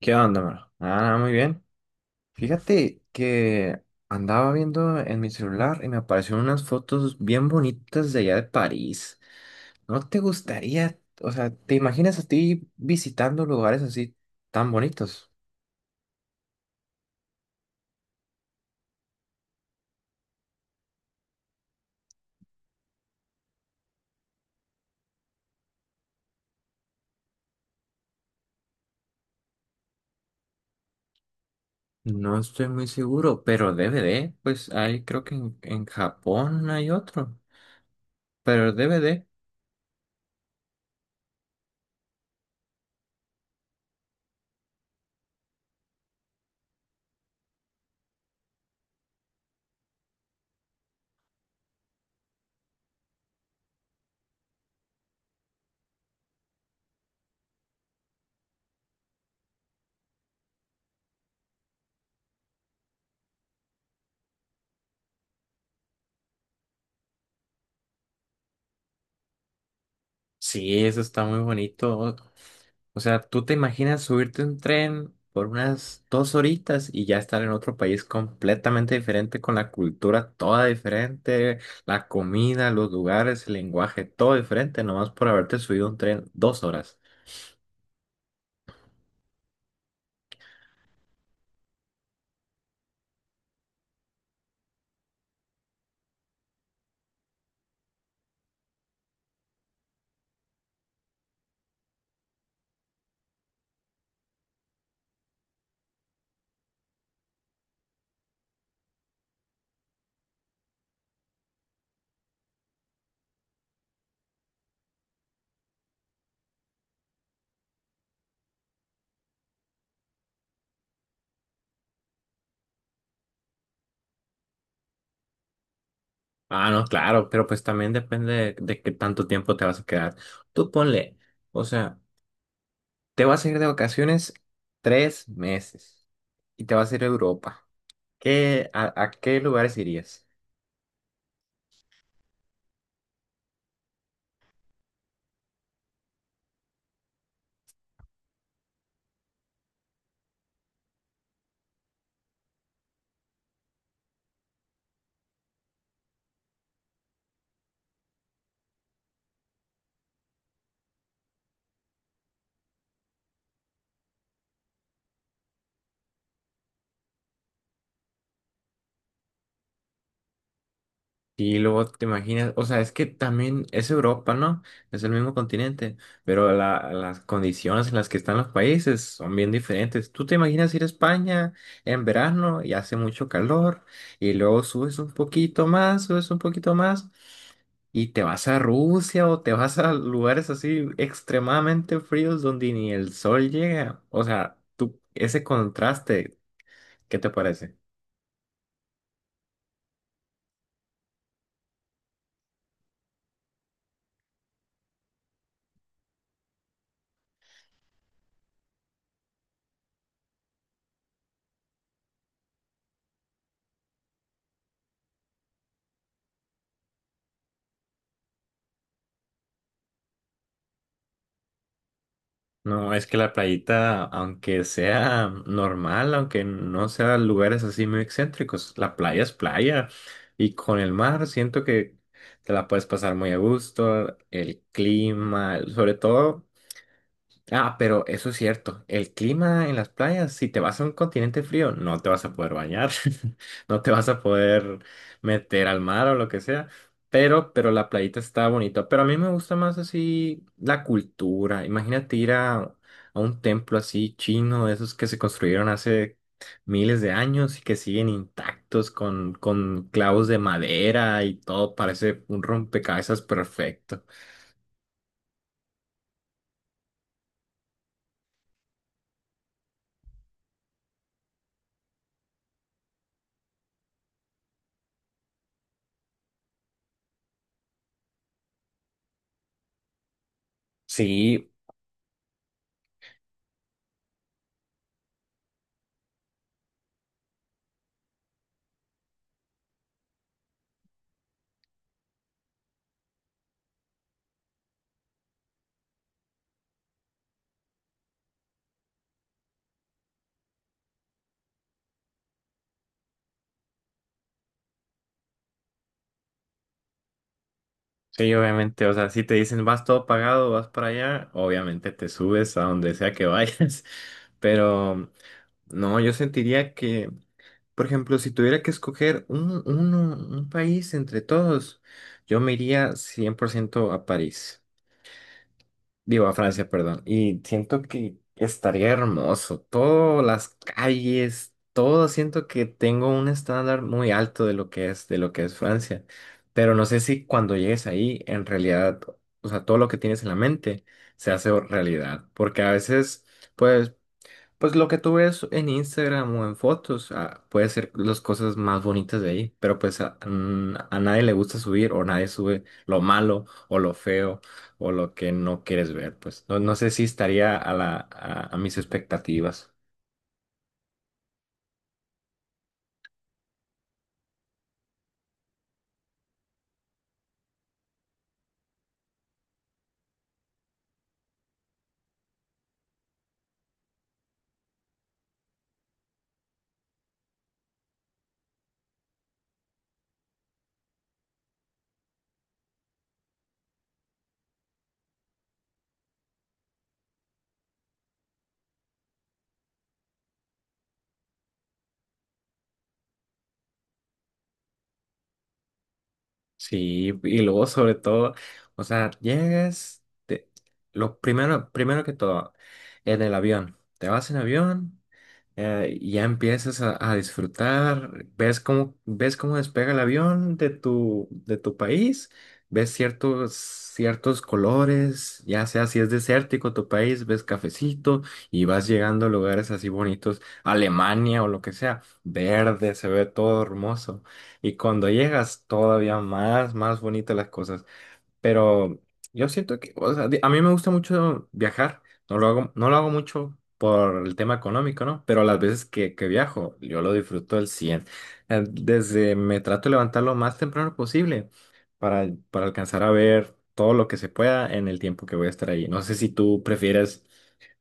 ¿Qué onda, Mar? Muy bien. Fíjate que andaba viendo en mi celular y me aparecieron unas fotos bien bonitas de allá de París. ¿No te gustaría, o sea, te imaginas a ti visitando lugares así tan bonitos? No estoy muy seguro, pero DVD, pues ahí creo que en Japón hay otro. Pero el DVD, sí, eso está muy bonito. O sea, tú te imaginas subirte a un tren por unas dos horitas y ya estar en otro país completamente diferente, con la cultura toda diferente, la comida, los lugares, el lenguaje, todo diferente, nomás por haberte subido a un tren dos horas. Ah, no, claro, pero pues también depende de qué tanto tiempo te vas a quedar. Tú ponle, o sea, te vas a ir de vacaciones tres meses y te vas a ir a Europa. ¿Qué, a qué lugares irías? Y luego te imaginas, o sea, es que también es Europa, ¿no? Es el mismo continente, pero las condiciones en las que están los países son bien diferentes. Tú te imaginas ir a España en verano y hace mucho calor, y luego subes un poquito más, subes un poquito más, y te vas a Rusia o te vas a lugares así extremadamente fríos donde ni el sol llega. O sea, tú, ese contraste, ¿qué te parece? No, es que la playita, aunque sea normal, aunque no sea lugares así muy excéntricos, la playa es playa. Y con el mar siento que te la puedes pasar muy a gusto, el clima, sobre todo. Ah, pero eso es cierto. El clima en las playas, si te vas a un continente frío, no te vas a poder bañar, no te vas a poder meter al mar o lo que sea. Pero la playita está bonita. Pero a mí me gusta más así la cultura. Imagínate ir a un templo así chino, de esos que se construyeron hace miles de años y que siguen intactos con clavos de madera y todo. Parece un rompecabezas perfecto. Sí, sí, obviamente, o sea, si te dicen vas todo pagado, vas para allá, obviamente te subes a donde sea que vayas, pero no, yo sentiría que, por ejemplo, si tuviera que escoger un, un país entre todos, yo me iría 100% a París. Digo, a Francia, perdón. Y siento que estaría hermoso. Todas las calles, todo siento que tengo un estándar muy alto de lo que es, de lo que es Francia. Pero no sé si cuando llegues ahí, en realidad, o sea, todo lo que tienes en la mente se hace realidad. Porque a veces, pues, pues lo que tú ves en Instagram o en fotos, ah, puede ser las cosas más bonitas de ahí, pero pues a, a nadie le gusta subir o nadie sube lo malo o lo feo o lo que no quieres ver, pues no, no sé si estaría a la, a mis expectativas. Sí, y luego sobre todo, o sea, llegas, lo primero, primero que todo, en el avión, te vas en avión. Ya empiezas a disfrutar, ves cómo despega el avión de tu país, ves ciertos, ciertos colores, ya sea si es desértico tu país, ves cafecito y vas llegando a lugares así bonitos, Alemania o lo que sea, verde, se ve todo hermoso. Y cuando llegas, todavía más, más bonitas las cosas. Pero yo siento que, o sea, a mí me gusta mucho viajar. No lo hago mucho por el tema económico, ¿no? Pero las veces que viajo, yo lo disfruto al cien. Desde me trato de levantar lo más temprano posible para alcanzar a ver todo lo que se pueda en el tiempo que voy a estar ahí. No sé si tú prefieres,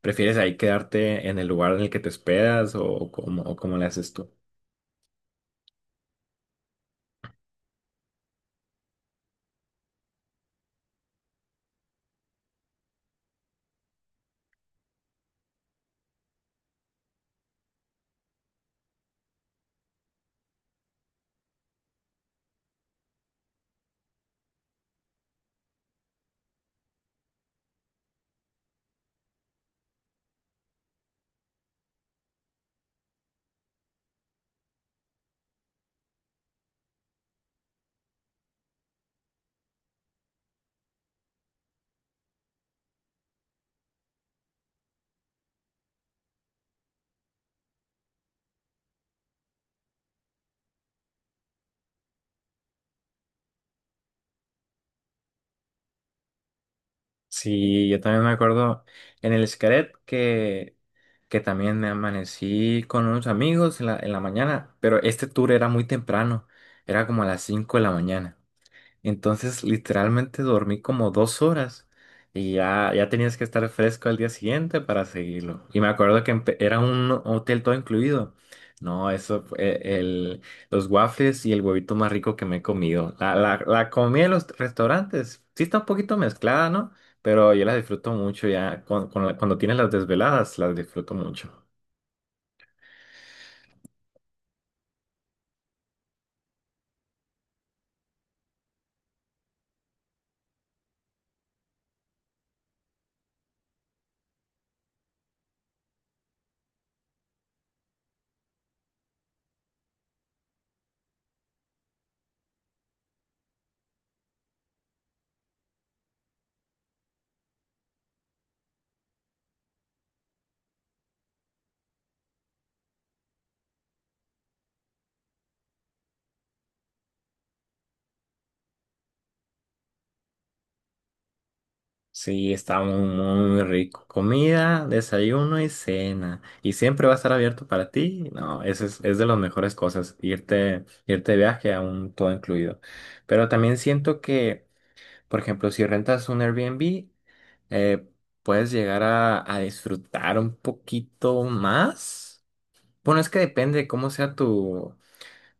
prefieres ahí quedarte en el lugar en el que te esperas o cómo le haces. Sí, yo también me acuerdo en el Xcaret que también me amanecí con unos amigos en la mañana, pero este tour era muy temprano, era como a las 5 de la mañana. Entonces, literalmente dormí como dos horas y ya, ya tenías que estar fresco al día siguiente para seguirlo. Y me acuerdo que era un hotel todo incluido. No, eso, fue el, los waffles y el huevito más rico que me he comido. La comida en los restaurantes sí está un poquito mezclada, ¿no? Pero yo la disfruto mucho ya. Con cuando tienes las desveladas, las disfruto mucho. Sí, está muy, muy rico. Comida, desayuno y cena. Y siempre va a estar abierto para ti. No, eso es de las mejores cosas, irte, irte de viaje a un todo incluido. Pero también siento que, por ejemplo, si rentas un Airbnb, eh, puedes llegar a disfrutar un poquito más. Bueno, es que depende de cómo sea tu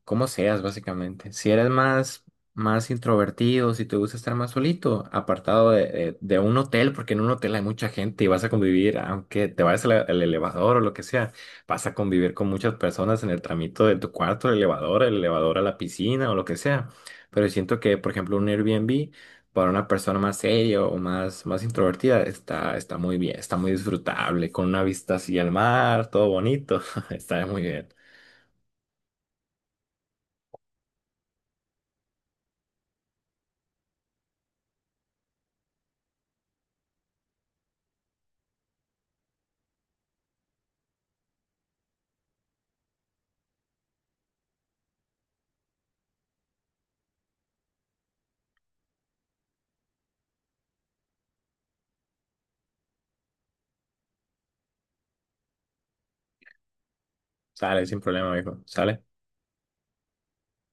como seas, básicamente. Si eres más, más introvertido, si te gusta estar más solito, apartado de, de un hotel, porque en un hotel hay mucha gente y vas a convivir, aunque te vayas al, al elevador o lo que sea, vas a convivir con muchas personas en el tramito de tu cuarto, el elevador a la piscina o lo que sea. Pero siento que, por ejemplo, un Airbnb para una persona más seria o más, más introvertida está, está muy bien, está muy disfrutable, con una vista así al mar, todo bonito, está muy bien. Sale sin problema, hijo. Sale.